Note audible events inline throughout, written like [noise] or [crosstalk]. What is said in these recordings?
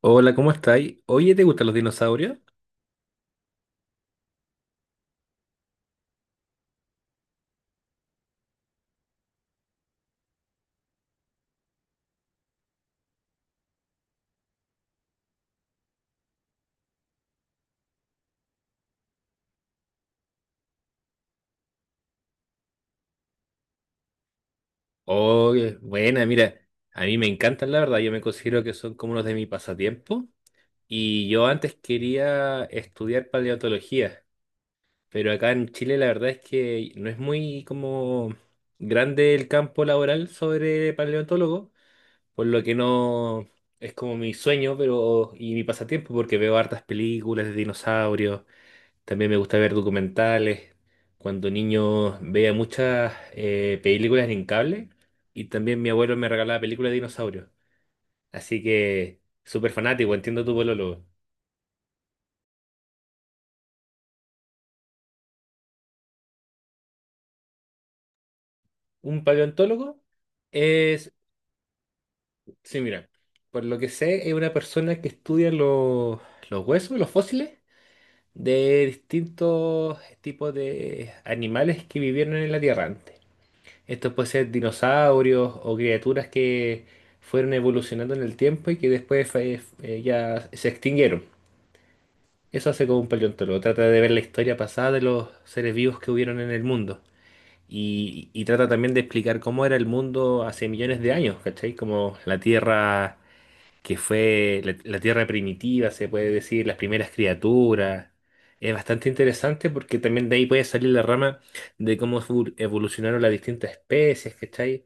Hola, ¿cómo estáis? Oye, ¿te gustan los dinosaurios? Oye, buena, mira, a mí me encantan, la verdad, yo me considero que son como unos de mi pasatiempo y yo antes quería estudiar paleontología, pero acá en Chile la verdad es que no es muy como grande el campo laboral sobre paleontólogo, por lo que no es como mi sueño, pero y mi pasatiempo porque veo hartas películas de dinosaurios. También me gusta ver documentales. Cuando niño veía muchas películas en cable y también mi abuelo me regalaba películas de dinosaurios. Así que súper fanático, entiendo tu polólogo. Un paleontólogo es, sí, mira, por lo que sé, es una persona que estudia los huesos, los fósiles de distintos tipos de animales que vivieron en la Tierra. Esto puede ser dinosaurios o criaturas que fueron evolucionando en el tiempo y que después ya se extinguieron. Eso hace como un paleontólogo. Trata de ver la historia pasada de los seres vivos que hubieron en el mundo. Y trata también de explicar cómo era el mundo hace millones de años, ¿cachai? Como la Tierra que fue la tierra primitiva, se puede decir, las primeras criaturas. Es bastante interesante porque también de ahí puede salir la rama de cómo evolucionaron las distintas especies, ¿cachai?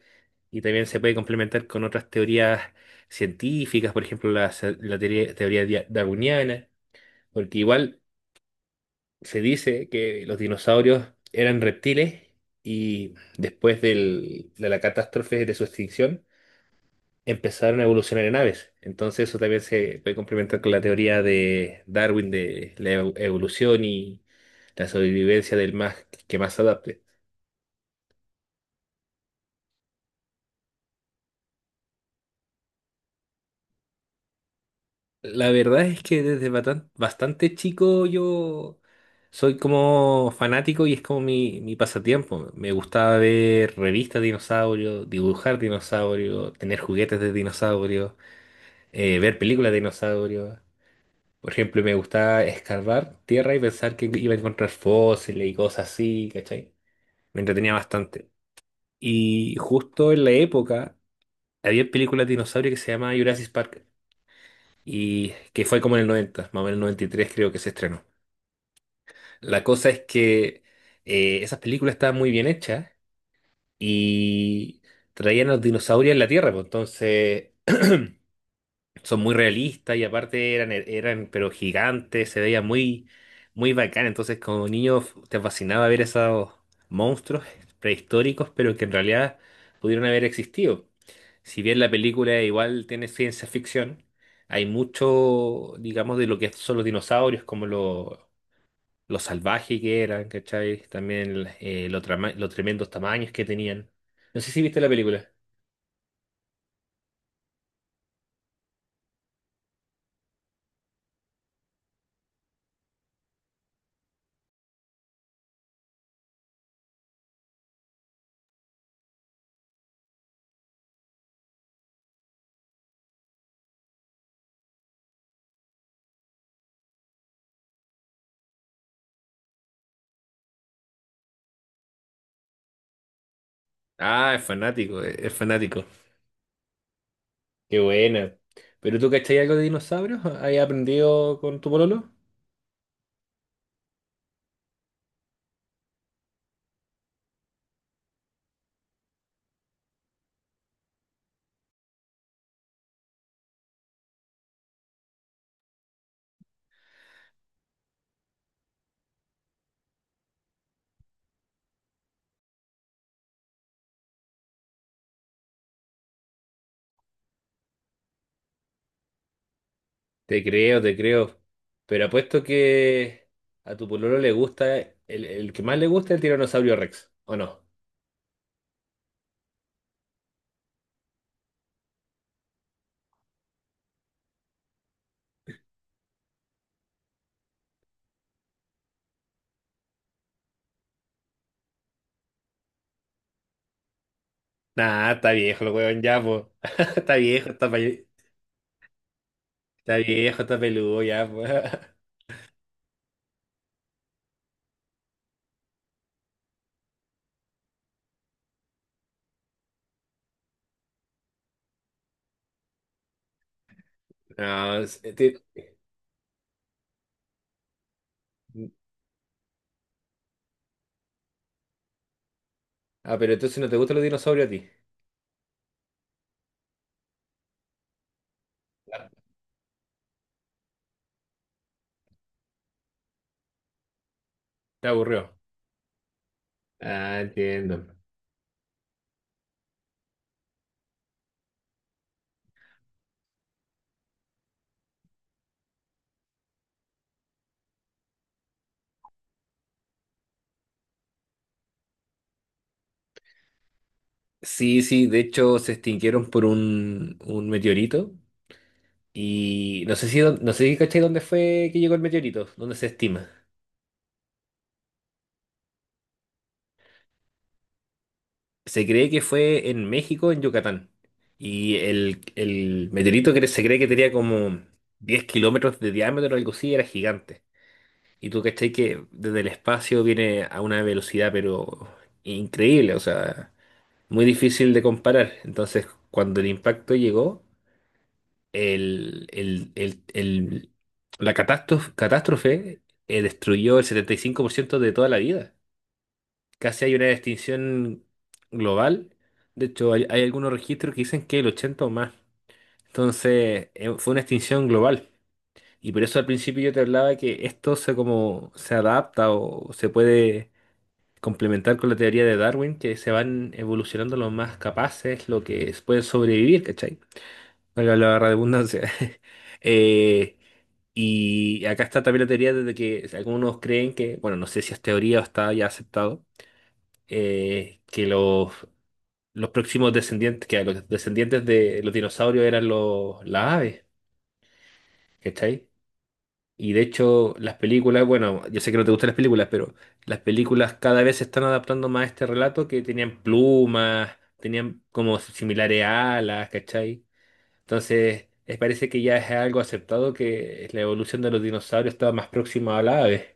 Y también se puede complementar con otras teorías científicas, por ejemplo, la teoría darwiniana, porque igual se dice que los dinosaurios eran reptiles y después de la catástrofe de su extinción, empezaron a evolucionar en aves. Entonces eso también se puede complementar con la teoría de Darwin de la evolución y la sobrevivencia del más que más se adapte. La verdad es que desde bastante chico yo soy como fanático y es como mi pasatiempo. Me gustaba ver revistas de dinosaurios, dibujar dinosaurios, tener juguetes de dinosaurios, ver películas de dinosaurios. Por ejemplo, me gustaba escarbar tierra y pensar que iba a encontrar fósiles y cosas así, ¿cachai? Me entretenía bastante. Y justo en la época había películas de dinosaurio que se llamaba Jurassic Park y que fue como en el 90, más o menos en el 93 creo que se estrenó. La cosa es que esas películas estaban muy bien hechas y traían los dinosaurios en la Tierra, pues entonces son muy realistas y aparte eran pero gigantes, se veía muy, muy bacán. Entonces, como niño te fascinaba ver esos monstruos prehistóricos, pero que en realidad pudieron haber existido. Si bien la película igual tiene ciencia ficción, hay mucho, digamos, de lo que son los dinosaurios, como lo salvaje que eran, ¿cachai? También los tremendos tamaños que tenían. No sé si viste la película. Ah, es fanático, es fanático. Qué buena. ¿Pero tú cachai algo de dinosaurios? ¿Has aprendido con tu pololo? Te creo, te creo. Pero apuesto que a tu pololo le gusta, el que más le gusta es el tiranosaurio Rex, ¿o no? Nah, está viejo el weón ya, po. [laughs] Está viejo, está viejo, está peludo ya, po. [laughs] No. Ah, pero entonces no te gustan los dinosaurios a ti. Te aburrió. Ah, entiendo. Sí, sí, de hecho se extinguieron por un meteorito. Y no sé si cachai dónde fue que llegó el meteorito, dónde se estima. Se cree que fue en México, en Yucatán. Y el meteorito que se cree que tenía como 10 kilómetros de diámetro o algo así, era gigante. Y tú cachai que desde el espacio viene a una velocidad pero increíble, o sea, muy difícil de comparar. Entonces, cuando el impacto llegó, el, el, el, el- la catástrofe destruyó el 75% de toda la vida. Casi hay una distinción global. De hecho, hay algunos registros que dicen que el 80 o más. Entonces, fue una extinción global. Y por eso al principio yo te hablaba que esto se como se adapta o se puede complementar con la teoría de Darwin, que se van evolucionando los más capaces, los que pueden sobrevivir, ¿cachai? Valga la redundancia. [laughs] Eh, y acá está también la teoría de que algunos creen que, bueno, no sé si es teoría o está ya aceptado, que los próximos descendientes, que a los descendientes de los dinosaurios eran las aves, ¿cachai? Y de hecho, las películas, bueno, yo sé que no te gustan las películas, pero las películas cada vez se están adaptando más a este relato, que tenían plumas, tenían como similares alas, ¿cachai? Entonces, parece que ya es algo aceptado que la evolución de los dinosaurios estaba más próxima a las aves.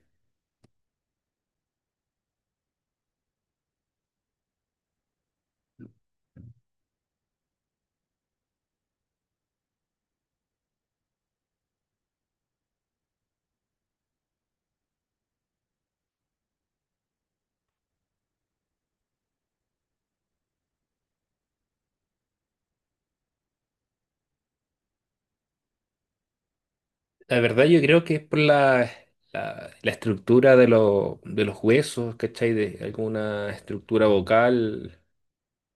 La verdad yo creo que es por la estructura de los huesos, ¿cachai? De alguna estructura vocal,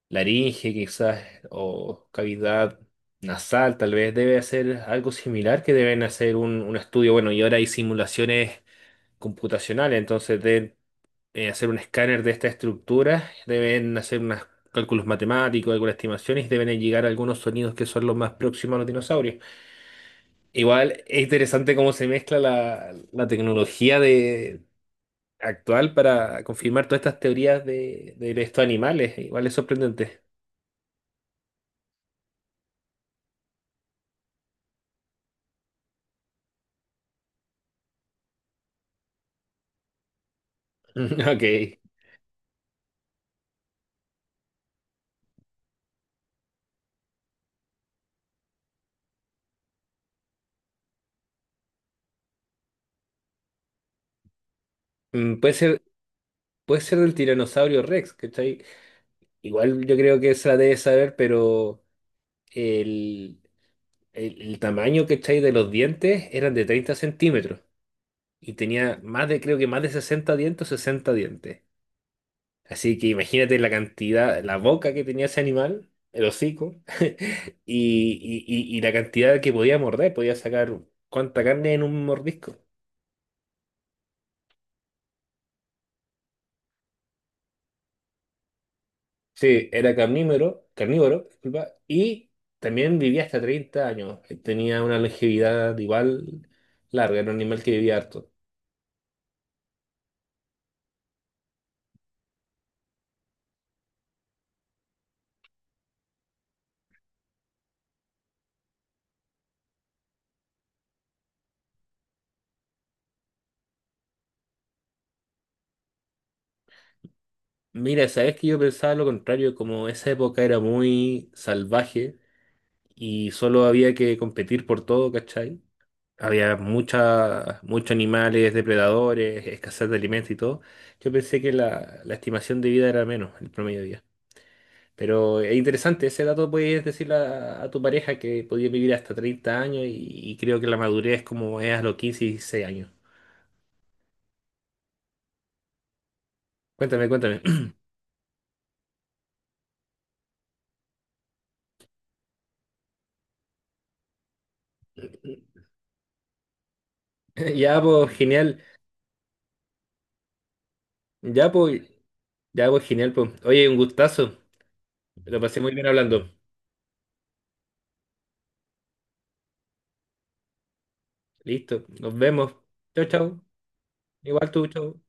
laringe quizás, o cavidad nasal, tal vez debe hacer algo similar, que deben hacer un estudio. Bueno, y ahora hay simulaciones computacionales, entonces deben hacer un escáner de esta estructura, deben hacer unos cálculos matemáticos, algunas estimaciones, y deben llegar a algunos sonidos que son los más próximos a los dinosaurios. Igual es interesante cómo se mezcla la tecnología de actual para confirmar todas estas teorías de estos animales. Igual es sorprendente. [laughs] Ok. Mm, Puede ser, puede ser del tiranosaurio Rex, ¿cachai? Igual yo creo que se la debe saber, pero el, el tamaño, ¿cachai? De los dientes eran de 30 centímetros y tenía más de, creo que más de 60 dientes, 60 dientes. Así que imagínate la cantidad, la boca que tenía ese animal, el hocico, [laughs] y la cantidad que podía morder, podía sacar cuánta carne en un mordisco. Sí, era carnívoro, carnívoro, disculpa, y también vivía hasta 30 años. Tenía una longevidad igual larga, era un animal que vivía harto. Mira, sabes que yo pensaba lo contrario, como esa época era muy salvaje y solo había que competir por todo, ¿cachai? Había muchos animales, depredadores, escasez de alimentos y todo. Yo pensé que la estimación de vida era menos, el promedio de vida. Pero es interesante, ese dato puedes decirle a tu pareja que podía vivir hasta 30 años y creo que la madurez es como es a los 15 y 16 años. Cuéntame, cuéntame. [laughs] [clears throat] Ya, pues, genial. Ya, pues, ya, pues, genial, pues. Oye, un gustazo. Lo pasé muy bien hablando. Listo, nos vemos. Chau, chau. Igual tú, chau.